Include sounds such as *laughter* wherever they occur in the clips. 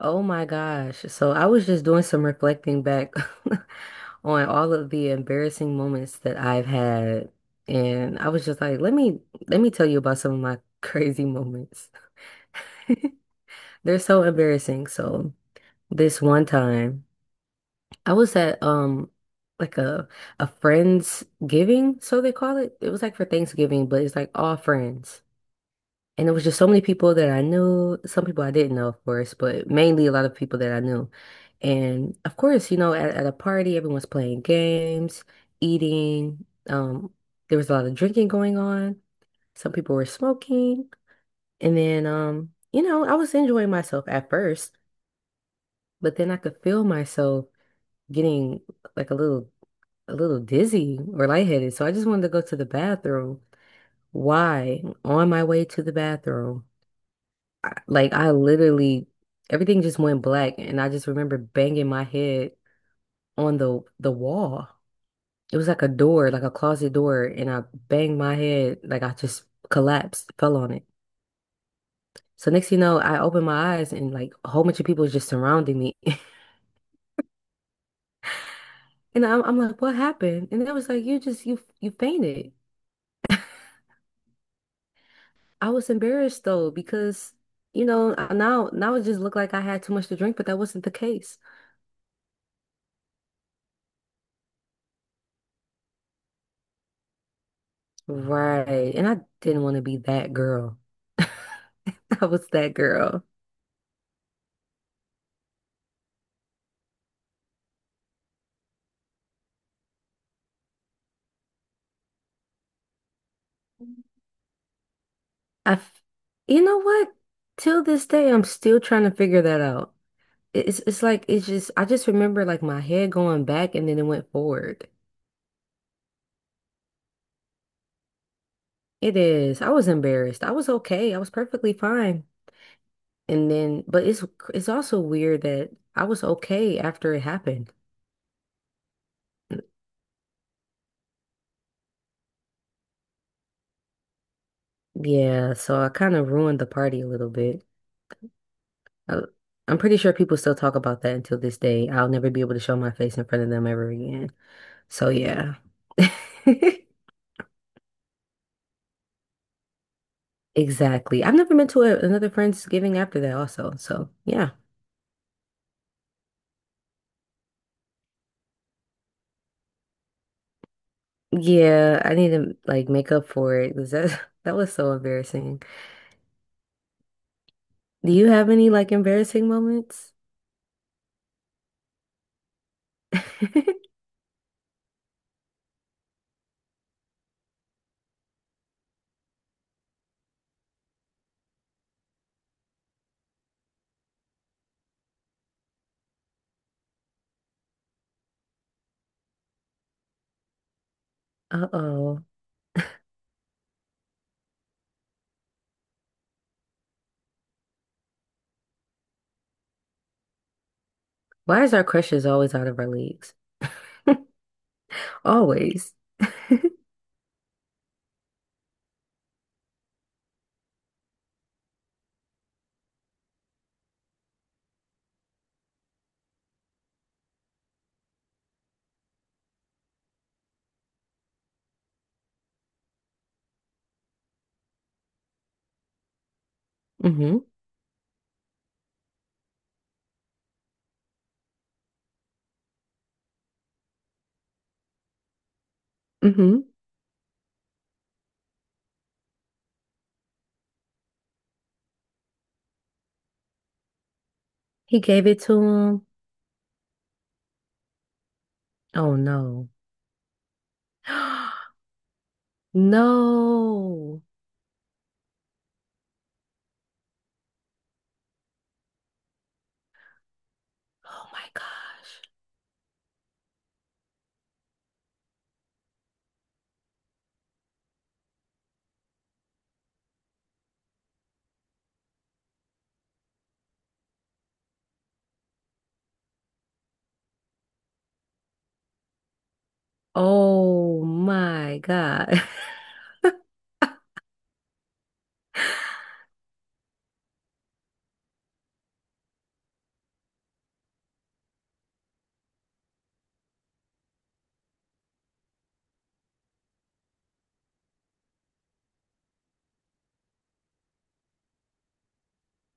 Oh my gosh. So I was just doing some reflecting back *laughs* on all of the embarrassing moments that I've had. And I was just like, let me tell you about some of my *laughs* crazy moments. *laughs* They're so embarrassing. So this one time, I was at like a friend's giving, so they call it. It was like for Thanksgiving, but it's like all friends. And it was just so many people that I knew, some people I didn't know, of course, but mainly a lot of people that I knew. And of course, at a party, everyone's playing games, eating. There was a lot of drinking going on. Some people were smoking. And then, I was enjoying myself at first, but then I could feel myself getting like a little dizzy or lightheaded. So I just wanted to go to the bathroom. Why? On my way to the bathroom. Like I literally everything just went black and I just remember banging my head on the wall. It was like a door, like a closet door, and I banged my head like I just collapsed, fell on it. So next thing you know, I opened my eyes and like a whole bunch of people was just surrounding me. *laughs* And I'm like, what happened? And it was like, you just you fainted. I was embarrassed though because now it just looked like I had too much to drink, but that wasn't the case. Right. And I didn't want to be that girl. *laughs* I was that girl. I, f- you know what? Till this day, I'm still trying to figure that out. It's like it's just I just remember like my head going back and then it went forward. It is. I was embarrassed. I was okay. I was perfectly fine. And then, but it's also weird that I was okay after it happened. Yeah, so I kind of ruined the party a little bit. I, I'm pretty sure people still talk about that until this day. I'll never be able to show my face in front of them ever again. So yeah. *laughs* Exactly. I've never been to another Friendsgiving after that also. So yeah. Yeah, I need to like make up for it because that *laughs* that was so embarrassing. Do you have any like embarrassing moments? *laughs* Uh-oh. Why is our crushes always out of our leagues? Always. *laughs* Mm-hmm. Mm-hmm. He gave it to him. Oh no. *gasps* No. Oh my gosh. Oh my God. *laughs*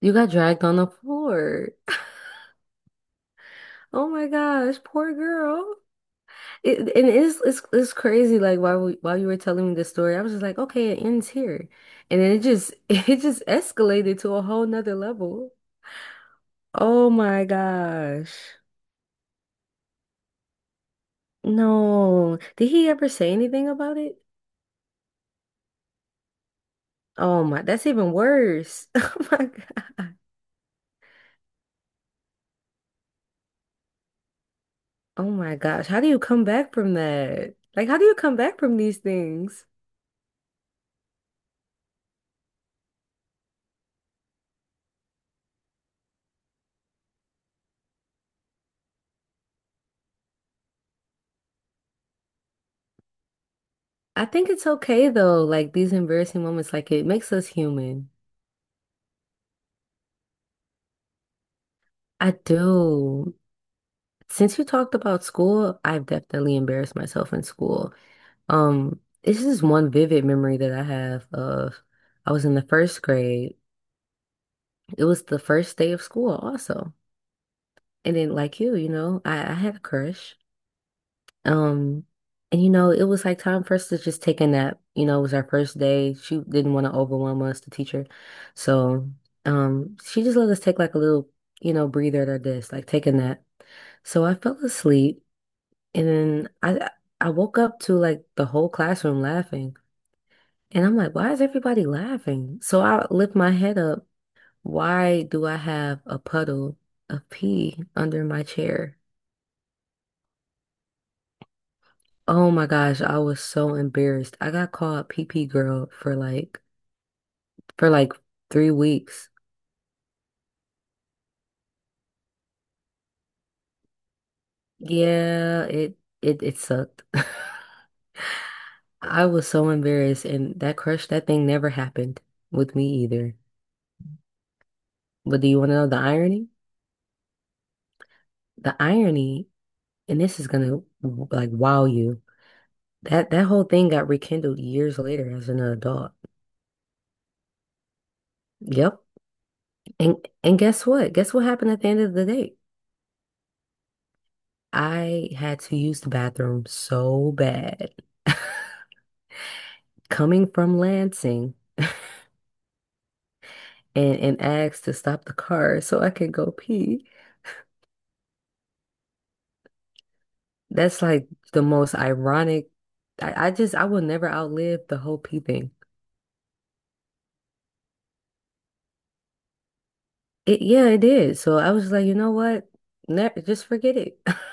You got dragged on the floor. Oh my gosh, poor girl. It's crazy. Like while you were telling me this story, I was just like, okay, it ends here. And then it just *laughs* it just escalated to a whole nother level. Oh my gosh. No. Did he ever say anything about it? Oh my, that's even worse. *laughs* Oh my God. Oh my gosh, how do you come back from that? Like, how do you come back from these things? I think it's okay though, like these embarrassing moments, like it makes us human. I do. Since you talked about school, I've definitely embarrassed myself in school. It's just one vivid memory that I have of I was in the first grade. It was the first day of school also. And then like you, I had a crush. Um, and it was like time for us to just take a nap. You know, it was our first day. She didn't want to overwhelm us, the teacher. So, she just let us take like breather at our desk, like take a nap. So I fell asleep and then I woke up to like the whole classroom laughing. And I'm like, why is everybody laughing? So I lift my head up. Why do I have a puddle of pee under my chair? Oh my gosh, I was so embarrassed. I got called PP girl for like 3 weeks. Yeah, it sucked. *laughs* I was so embarrassed and that crush, that thing never happened with me either. But do you want to know the irony? The irony, and this is gonna like wow you. That whole thing got rekindled years later as an adult. Yep. And guess what? Guess what happened at the end of the day? I had to use the bathroom so bad. *laughs* coming from Lansing and, asked to stop the car so I could go pee. That's like the most ironic. I just, I will never outlive the whole pee thing. It, yeah, it did. So I was like, you know what? Ne just forget it. *laughs*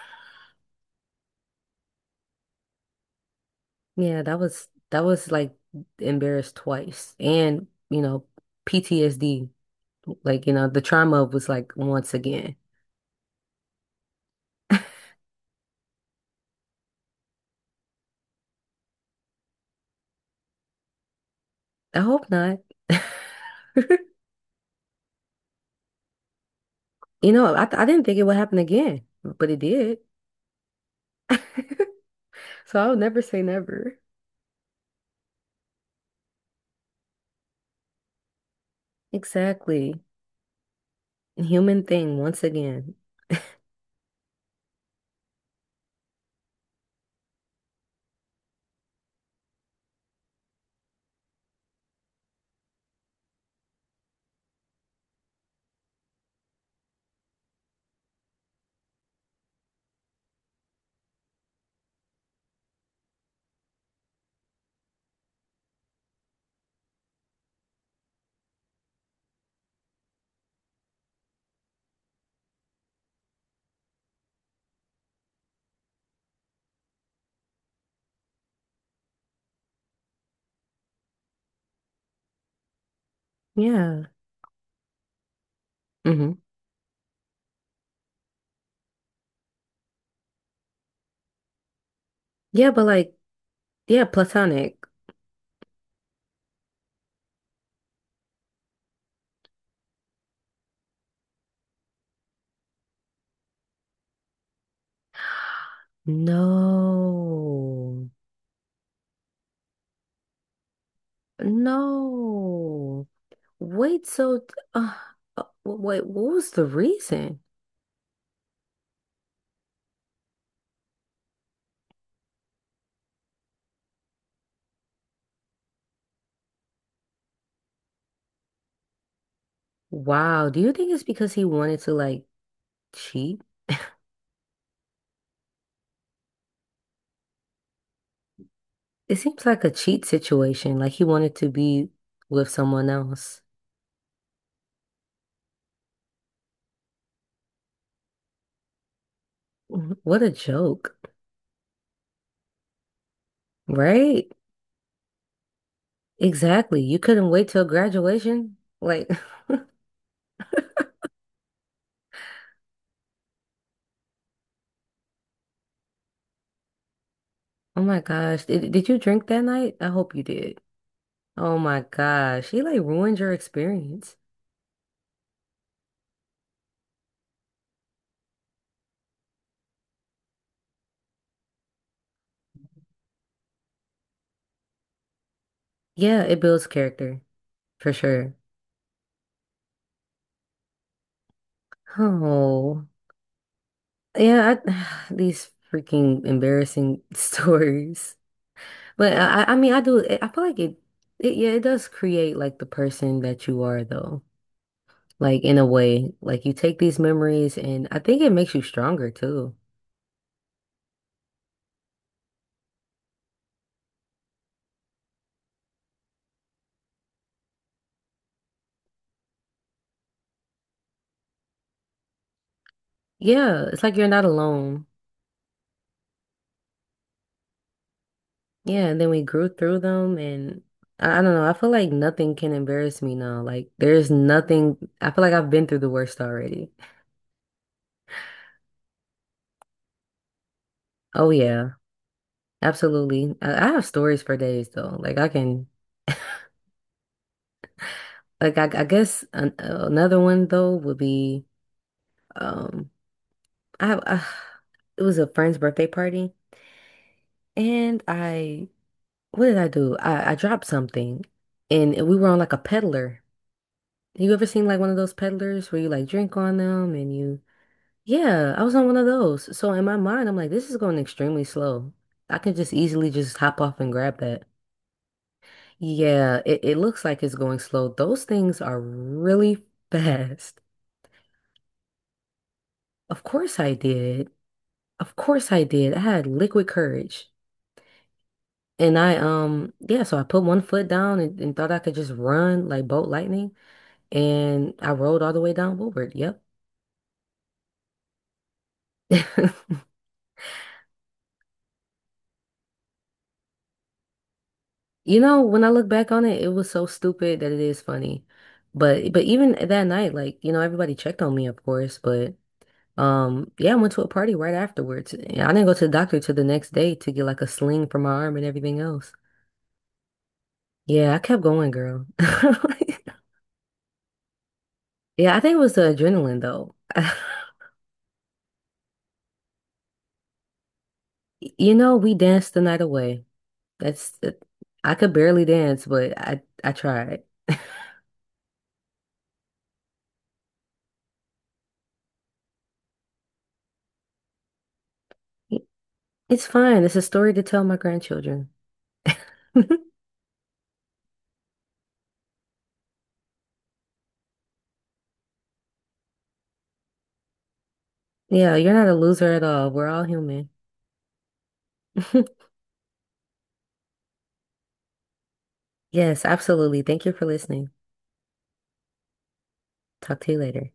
Yeah, that was like embarrassed twice. And, you know, PTSD, like, you know, the trauma was like once again. I hope not. *laughs* You know, I didn't think it would happen again, but it did. *laughs* So I would never say never. Exactly. Human thing once again. Yeah. Hmm. Yeah, but like, yeah, platonic. No. No. Wait, so uh, wait, what was the reason? Wow, do you think it's because he wanted to like cheat? It seems like a cheat situation, like he wanted to be with someone else. What a joke, right? Exactly. You couldn't wait till graduation. Like *laughs* Oh my gosh. Did you drink that night? I hope you did. Oh my gosh. She like ruined your experience. Yeah, it builds character for sure. Oh, yeah. *sighs* These freaking embarrassing *laughs* stories. But I mean, I do. I feel like yeah, it does create like the person that you are, though. Like in a way, like you take these memories and I think it makes you stronger too. Yeah, it's like you're not alone. Yeah, and then we grew through them and I don't know, I feel like nothing can embarrass me now. Like there's nothing, I feel like I've been through the worst already. Oh yeah, absolutely. I have stories for days though. Like I can, I guess another one though would be, um, I have, uh, it was a friend's birthday party and what did I do? I dropped something and we were on like a peddler. You ever seen like one of those peddlers where you like drink on them and you Yeah, I was on one of those. So in my mind, I'm like, this is going extremely slow. I can just easily just hop off and grab that. Yeah, it looks like it's going slow. Those things are really *laughs* fast. Of course I did. Of course I did. I had liquid courage. And yeah, so I put one foot down and, thought I could just run like bolt lightning. And I rolled all the way down Woodward. Yep. *laughs* You know, when I look back on it, it was so stupid that it is funny. But even that night, like, you know, everybody checked on me, of course, but yeah, I went to a party right afterwards. And I didn't go to the doctor till the next day to get like a sling for my arm and everything else. Yeah, I kept going, girl. *laughs* Yeah, I think it was the adrenaline though. *laughs* You know, we danced the night away. That's I could barely dance, but I tried. It's fine. It's a story to tell my grandchildren. *laughs* Yeah, you're not a loser at all. We're all human. *laughs* Yes, absolutely. Thank you for listening. Talk to you later.